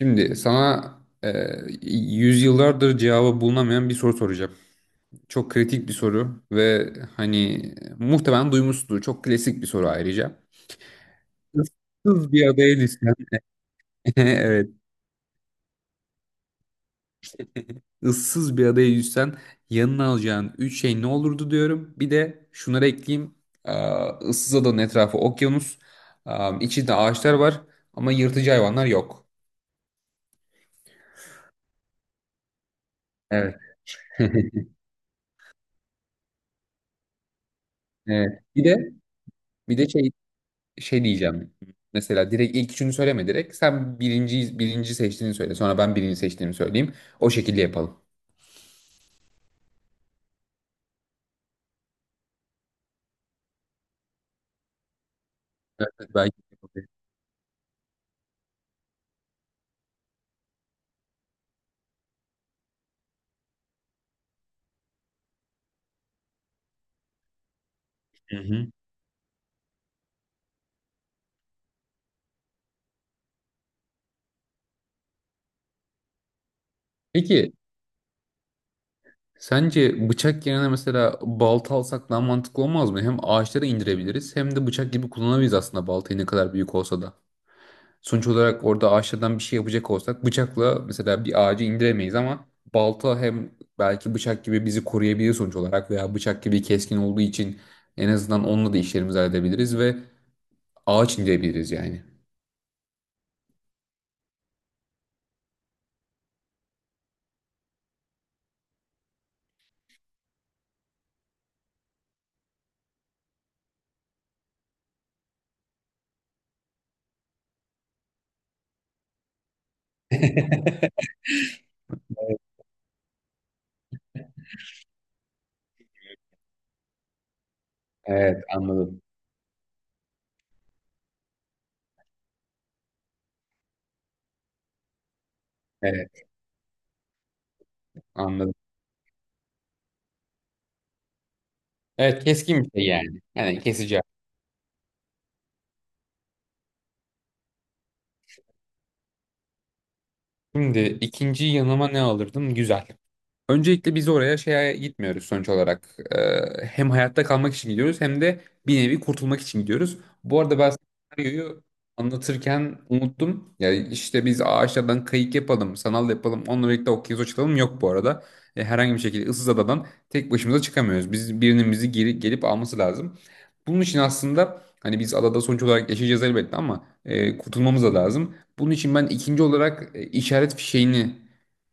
Şimdi sana e, yüzyıllardır cevabı bulunamayan bir soru soracağım. Çok kritik bir soru ve hani muhtemelen duymuşsundur. Çok klasik bir soru ayrıca. Issız bir adaya düşsen, evet, ıssız bir adaya düşsen yanına alacağın üç şey ne olurdu diyorum. Bir de şunları ekleyeyim. Ee, ıssız adanın etrafı okyanus. Ee, içinde ağaçlar var ama yırtıcı hayvanlar yok. Evet. Evet. Bir de bir de şey şey diyeceğim. Mesela direkt ilk üçünü söyleme direkt. Sen birinci seçtiğini söyle. Sonra ben birinci seçtiğimi söyleyeyim. O şekilde yapalım. Evet, evet, belki yapabiliriz. Hı hı. Peki sence bıçak yerine mesela balta alsak daha mantıklı olmaz mı? Hem ağaçları indirebiliriz hem de bıçak gibi kullanabiliriz aslında baltayı ne kadar büyük olsa da. Sonuç olarak orada ağaçlardan bir şey yapacak olsak bıçakla mesela bir ağacı indiremeyiz ama balta hem belki bıçak gibi bizi koruyabilir sonuç olarak veya bıçak gibi keskin olduğu için en azından onunla da işlerimizi halledebiliriz ve ağaç indirebiliriz yani. Evet anladım. Evet anladım. Evet keskin bir şey yani. Yani kesici. Şimdi ikinci yanıma ne alırdım? Güzel. Öncelikle biz oraya şeye gitmiyoruz sonuç olarak. Hem hayatta kalmak için gidiyoruz hem de bir nevi kurtulmak için gidiyoruz. Bu arada ben senaryoyu anlatırken unuttum. Ya işte biz ağaçlardan kayık yapalım, sanal yapalım, onunla birlikte okyanus açılalım yok bu arada. E, herhangi bir şekilde ıssız adadan tek başımıza çıkamıyoruz. Biz birinin bizi gelip alması lazım. Bunun için aslında hani biz adada sonuç olarak yaşayacağız elbette ama kurtulmamız da lazım. Bunun için ben ikinci olarak işaret fişeğini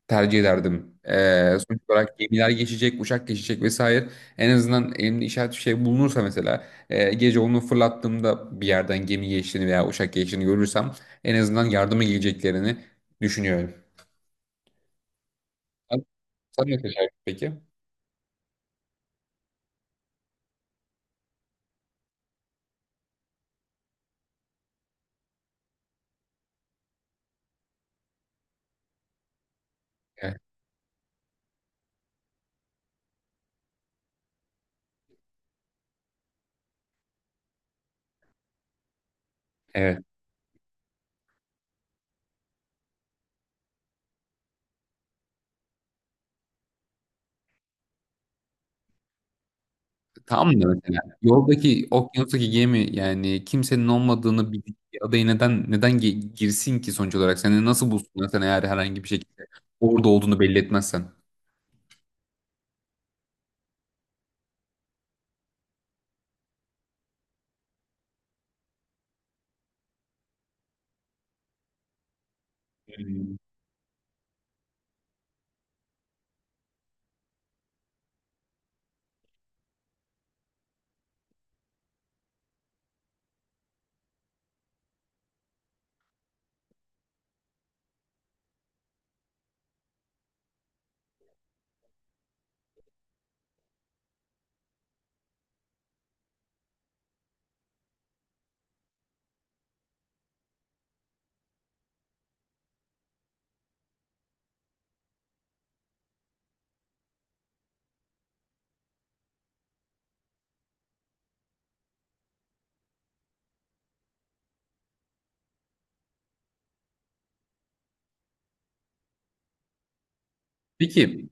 tercih ederdim. Sonuç olarak gemiler geçecek, uçak geçecek vesaire. En azından elimde işaret bir şey bulunursa mesela gece onu fırlattığımda bir yerden gemi geçtiğini veya uçak geçtiğini görürsem en azından yardıma geleceklerini düşünüyorum. Sen sen ne seçerdin peki? Evet. Evet. Tam da mesela yoldaki okyanustaki gemi yani kimsenin olmadığını bildiği bir adaya neden girsin ki sonuç olarak? Seni nasıl bulsunlar sen eğer herhangi bir şekilde orada olduğunu belli etmezsen? Hmm. Peki,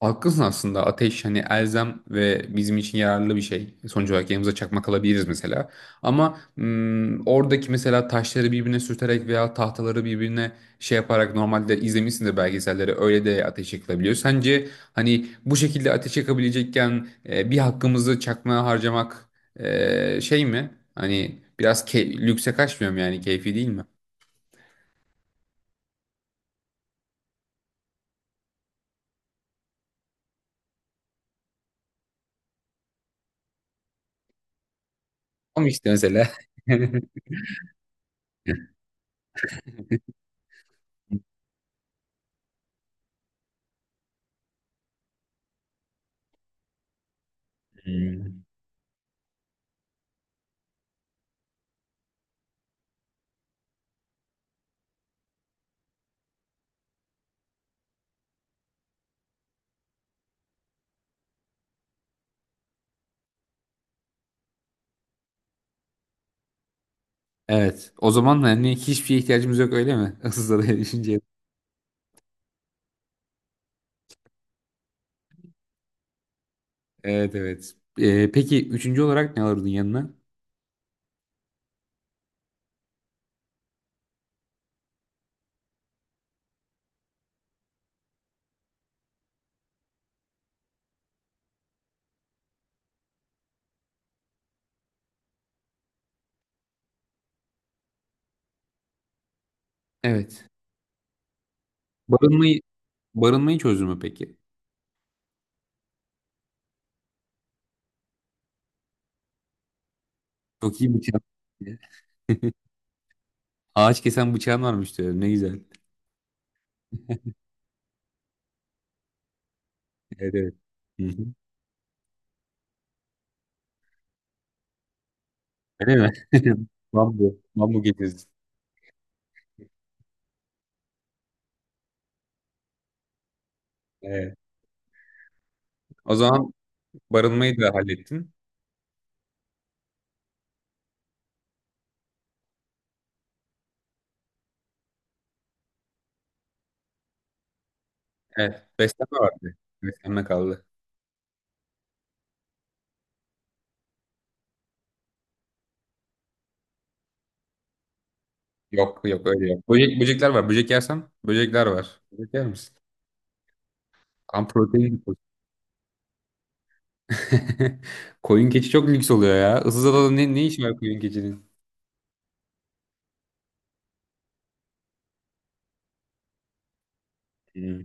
haklısın aslında ateş hani elzem ve bizim için yararlı bir şey. Sonuç olarak yanımıza çakmak alabiliriz mesela. Ama oradaki mesela taşları birbirine sürterek veya tahtaları birbirine şey yaparak normalde izlemişsindir belgeselleri öyle de ateş yakılabiliyor. Sence hani bu şekilde ateş yakabilecekken bir hakkımızı çakmaya harcamak şey mi? Hani biraz lükse kaçmıyor mu yani keyfi değil mi? Ama işte mesela. Evet. O zaman hani hiçbir şeye ihtiyacımız yok öyle mi? Issız adaya düşünce. Evet evet. Peki üçüncü olarak ne alırdın yanına? Evet. Barınmayı barınmayı çözdün mü peki? Çok iyi bıçağın. Ağaç kesen bıçağın varmış diyorum. Ne güzel. Evet evet. Hı hı. Öyle mi? Bambu. Bambu getirdin. Evet. O zaman barınmayı da hallettin. Evet. Beslenme vardı. Beslenme kaldı. Yok yok öyle yok. Böcek, böcekler var. Böcek yersen böcekler var. Böcek yer misin? Tam protein. Koyun keçi çok lüks oluyor ya. Isızada'da ne iş var koyun keçinin? Hmm.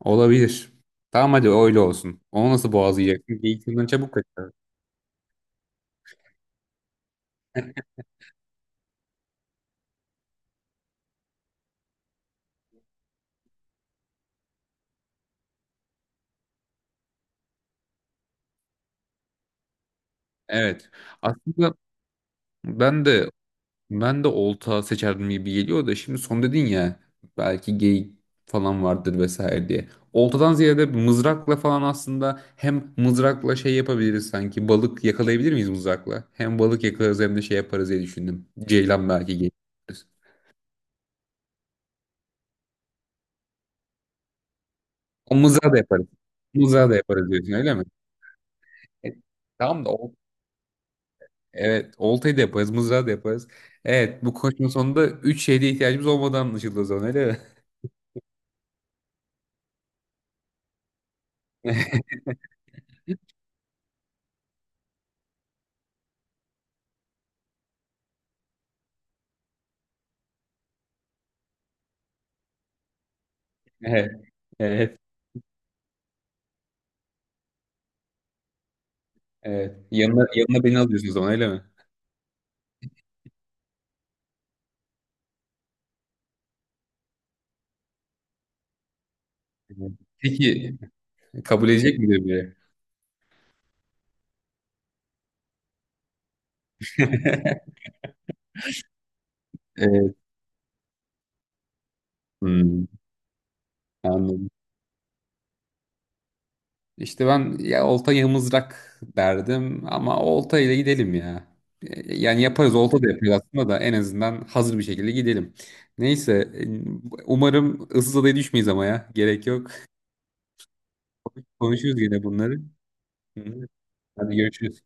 Olabilir. Tamam hadi öyle olsun. Onu nasıl boğazlayacaksın? Geyik yıldan çabuk kaçar. Evet. Aslında ben de ben de olta seçerdim gibi geliyor da şimdi son dedin ya belki geyik falan vardır vesaire diye. Oltadan ziyade mızrakla falan aslında hem mızrakla şey yapabiliriz sanki. Balık yakalayabilir miyiz mızrakla? Hem balık yakalarız hem de şey yaparız diye düşündüm. Ceylan belki gelir. O mızrağı da yaparız. Mızrağı da yaparız diyorsun öyle mi? E, tamam da evet oltayı da yaparız, mızrağı da yaparız. Evet bu konuşmanın sonunda üç şeyde ihtiyacımız olmadan anlaşıldı o zaman öyle mi? Evet. Evet. Evet. Yanına beni alıyorsun o zaman öyle mi? Evet. Peki kabul edecek midir biri? Evet. Hmm, anladım. İşte ben ya olta ya mızrak derdim ama olta ile gidelim ya. Yani yaparız olta da yaparız aslında da en azından hazır bir şekilde gidelim. Neyse umarım ıssız adaya düşmeyiz ama ya gerek yok. Konuşuruz yine bunları. Hı. Hadi görüşürüz.